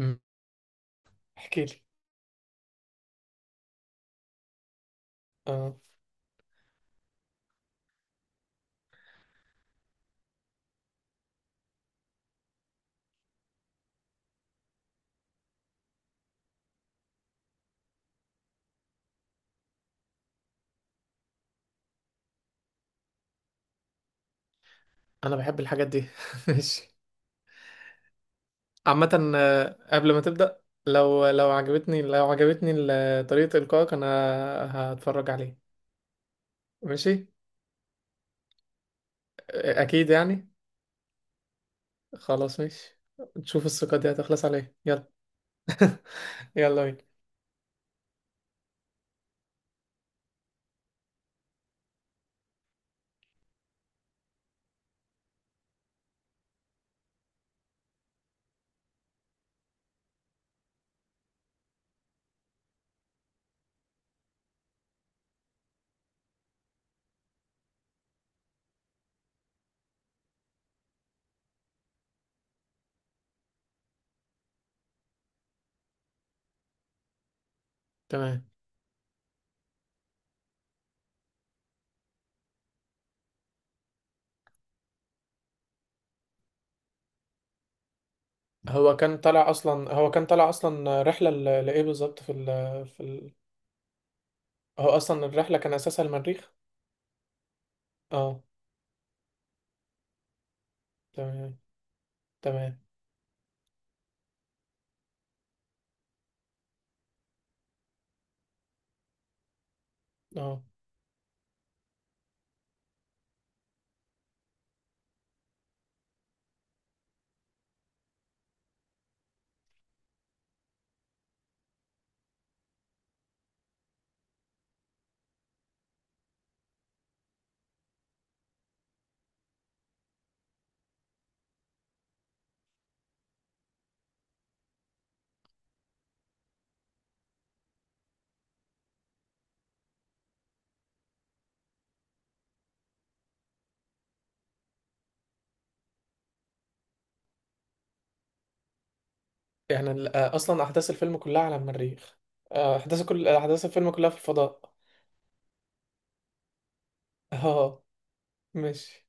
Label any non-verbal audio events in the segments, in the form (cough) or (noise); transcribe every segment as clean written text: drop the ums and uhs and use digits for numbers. مم. احكي لي. اه، انا بحب الحاجات دي (laughs) ماشي. عامة، آه، قبل ما تبدأ، لو عجبتني طريقة إلقائك، انا هتفرج عليه. ماشي، آه، اكيد يعني. خلاص ماشي، تشوف الثقة دي هتخلص عليه. يلا، يلا بينا. تمام. هو كان طالع اصلا رحلة لايه بالظبط؟ في ال في ال هو اصلا الرحلة كان اساسها المريخ. اه، تمام، تمام، اه. يعني آه، اصلا احداث الفيلم كلها على المريخ؟ آه، كل احداث الفيلم كلها في الفضاء. (laughs) اه، ماشي،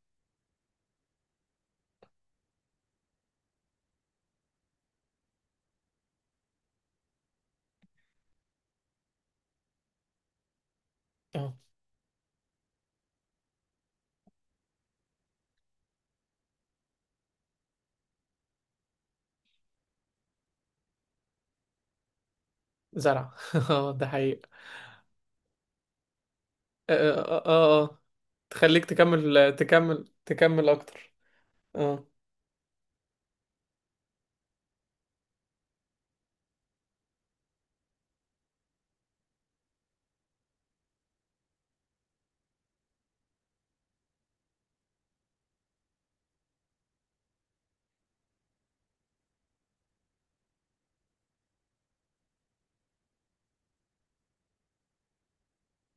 اه، زرع (laughs) اه، ده حقيقة. اه، اه، اه، آه. تخليك تكمل تكمل تكمل اكتر. اه،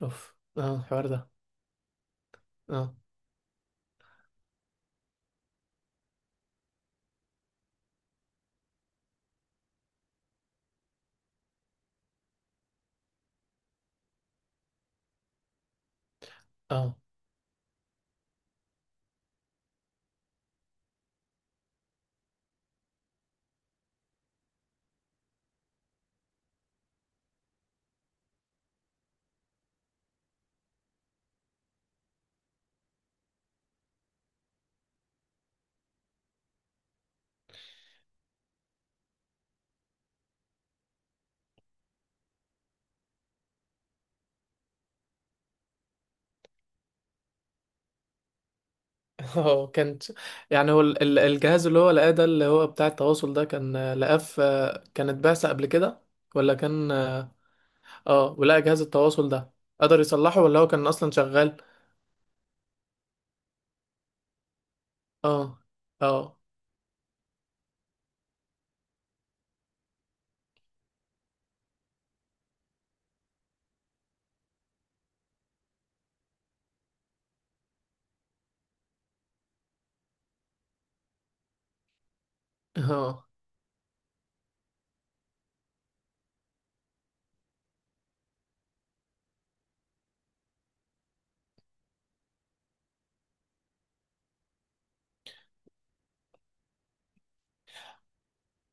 اوف، اه، الحوار ده. اه، اه، (laughs) اه كانت. يعني هو الجهاز اللي هو لقاه ده، اللي هو بتاع التواصل ده، كان لقاه في، كانت بعثة قبل كده، ولا كان اه، آه، ولقى جهاز التواصل ده قدر يصلحه، ولا هو كان اصلا شغال؟ اه، اه، اه.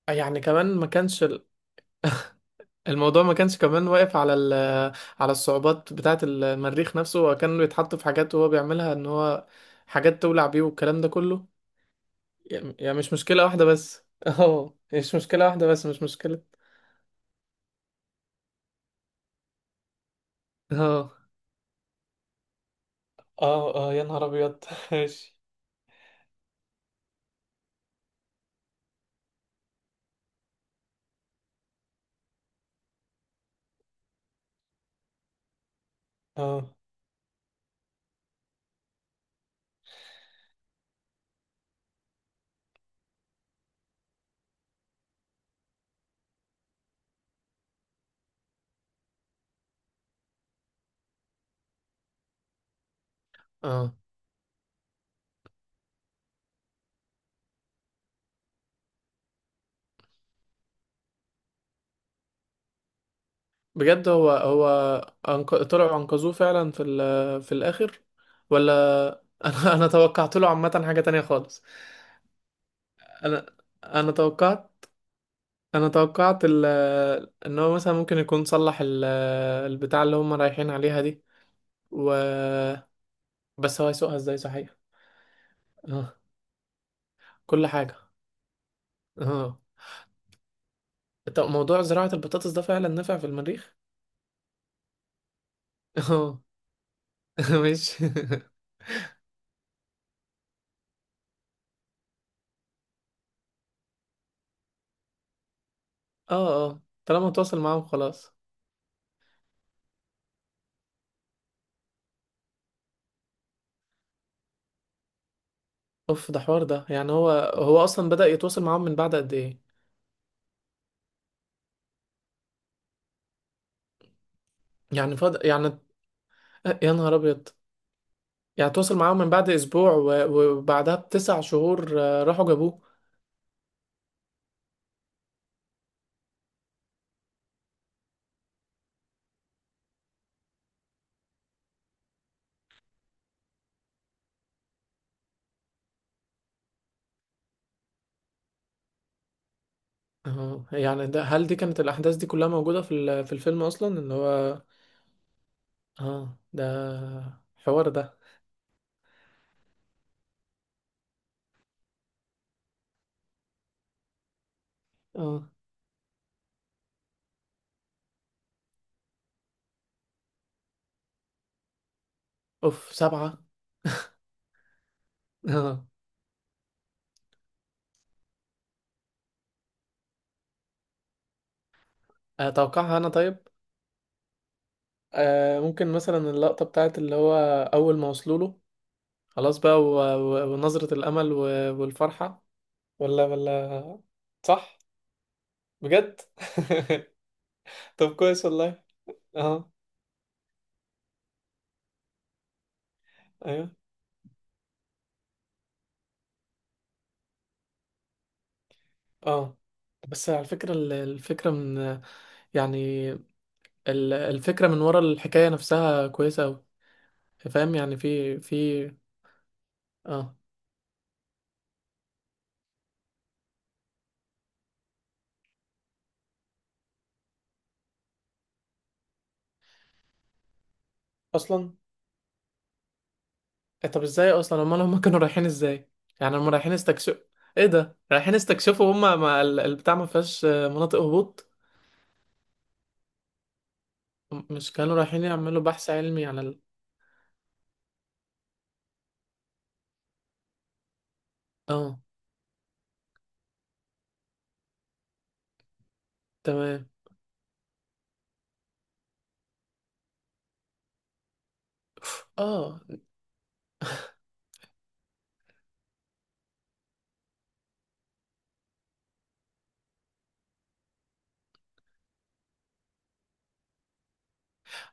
يعني كمان ما كانش الموضوع ما كانش كمان واقف على على الصعوبات بتاعة المريخ نفسه، هو كان بيتحط في حاجات وهو بيعملها ان هو حاجات تولع بيه والكلام ده كله. يعني، مش مشكلة واحدة بس (laughs) اه، مش مشكلة واحدة بس، مش مشكلة. اه، اه، اه، يا نهار ابيض (laughs) ماشي، اه، اه، بجد. هو طلعوا انقذوه فعلا في الاخر، ولا؟ (laughs) انا توقعت له عامة حاجة تانية خالص. انا انا توقعت انا توقعت ان هو مثلا ممكن يكون صلح البتاع اللي هم رايحين عليها دي، و، بس هو يسوقها ازاي صحيح؟ اه، كل حاجه. اه، طب موضوع زراعه البطاطس ده فعلا نافع في المريخ؟ اه (laughs) مش، اه، اه، طالما تواصل معاهم خلاص. اوف، ده حوار ده. يعني هو اصلا بدأ يتواصل معاهم من بعد قد ايه؟ يعني يا نهار ابيض. يعني تواصل معاهم من بعد اسبوع وبعدها بـ9 شهور، آه، راحوا جابوه. اه، يعني ده، هل دي كانت الأحداث دي كلها موجودة في في الفيلم أصلا، اللي هو اه، ده حوار ده. اه، اوف، سبعة. اه، أتوقعها أنا طيب. آه، ممكن مثلا اللقطة بتاعت اللي هو أول ما وصلوا له، خلاص بقى، ونظرة الأمل، والفرحة، ولا ولا؟ صح. بجد (laughs) طب، كويس والله. اه، ايوه، اه. بس على فكرة، الفكرة من، يعني، الفكرة من ورا الحكاية نفسها كويسة أوي. فاهم يعني؟ في اه، أصلا. إيه، طب ازاي أصلا أمال هما كانوا رايحين ازاي؟ يعني هما رايحين استكشف. ايه ده، رايحين استكشفوا هما، ما البتاع ما فيهاش آه، مناطق هبوط؟ مش كانوا رايحين يعملوا بحث علمي على ال...؟ اه، تمام، اه،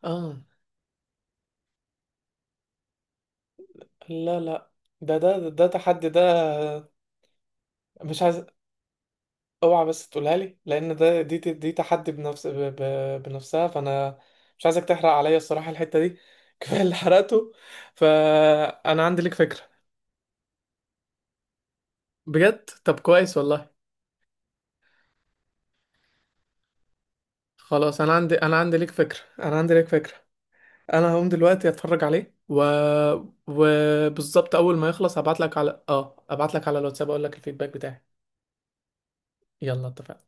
اه. لا، لا، ده تحدي ده. مش عايز، اوعى بس تقولها لي، لان ده دي تحدي بنفسها. فانا مش عايزك تحرق عليا الصراحه الحته دي (laughs) كفايه اللي حرقته. فانا عندي ليك فكره. بجد؟ طب كويس والله. خلاص، انا عندي ليك فكره. انا هقوم دلوقتي اتفرج عليه، و وبالظبط اول ما يخلص هبعت لك على اه ابعت لك على الواتساب، اقول لك الفيدباك بتاعي. يلا، اتفقنا.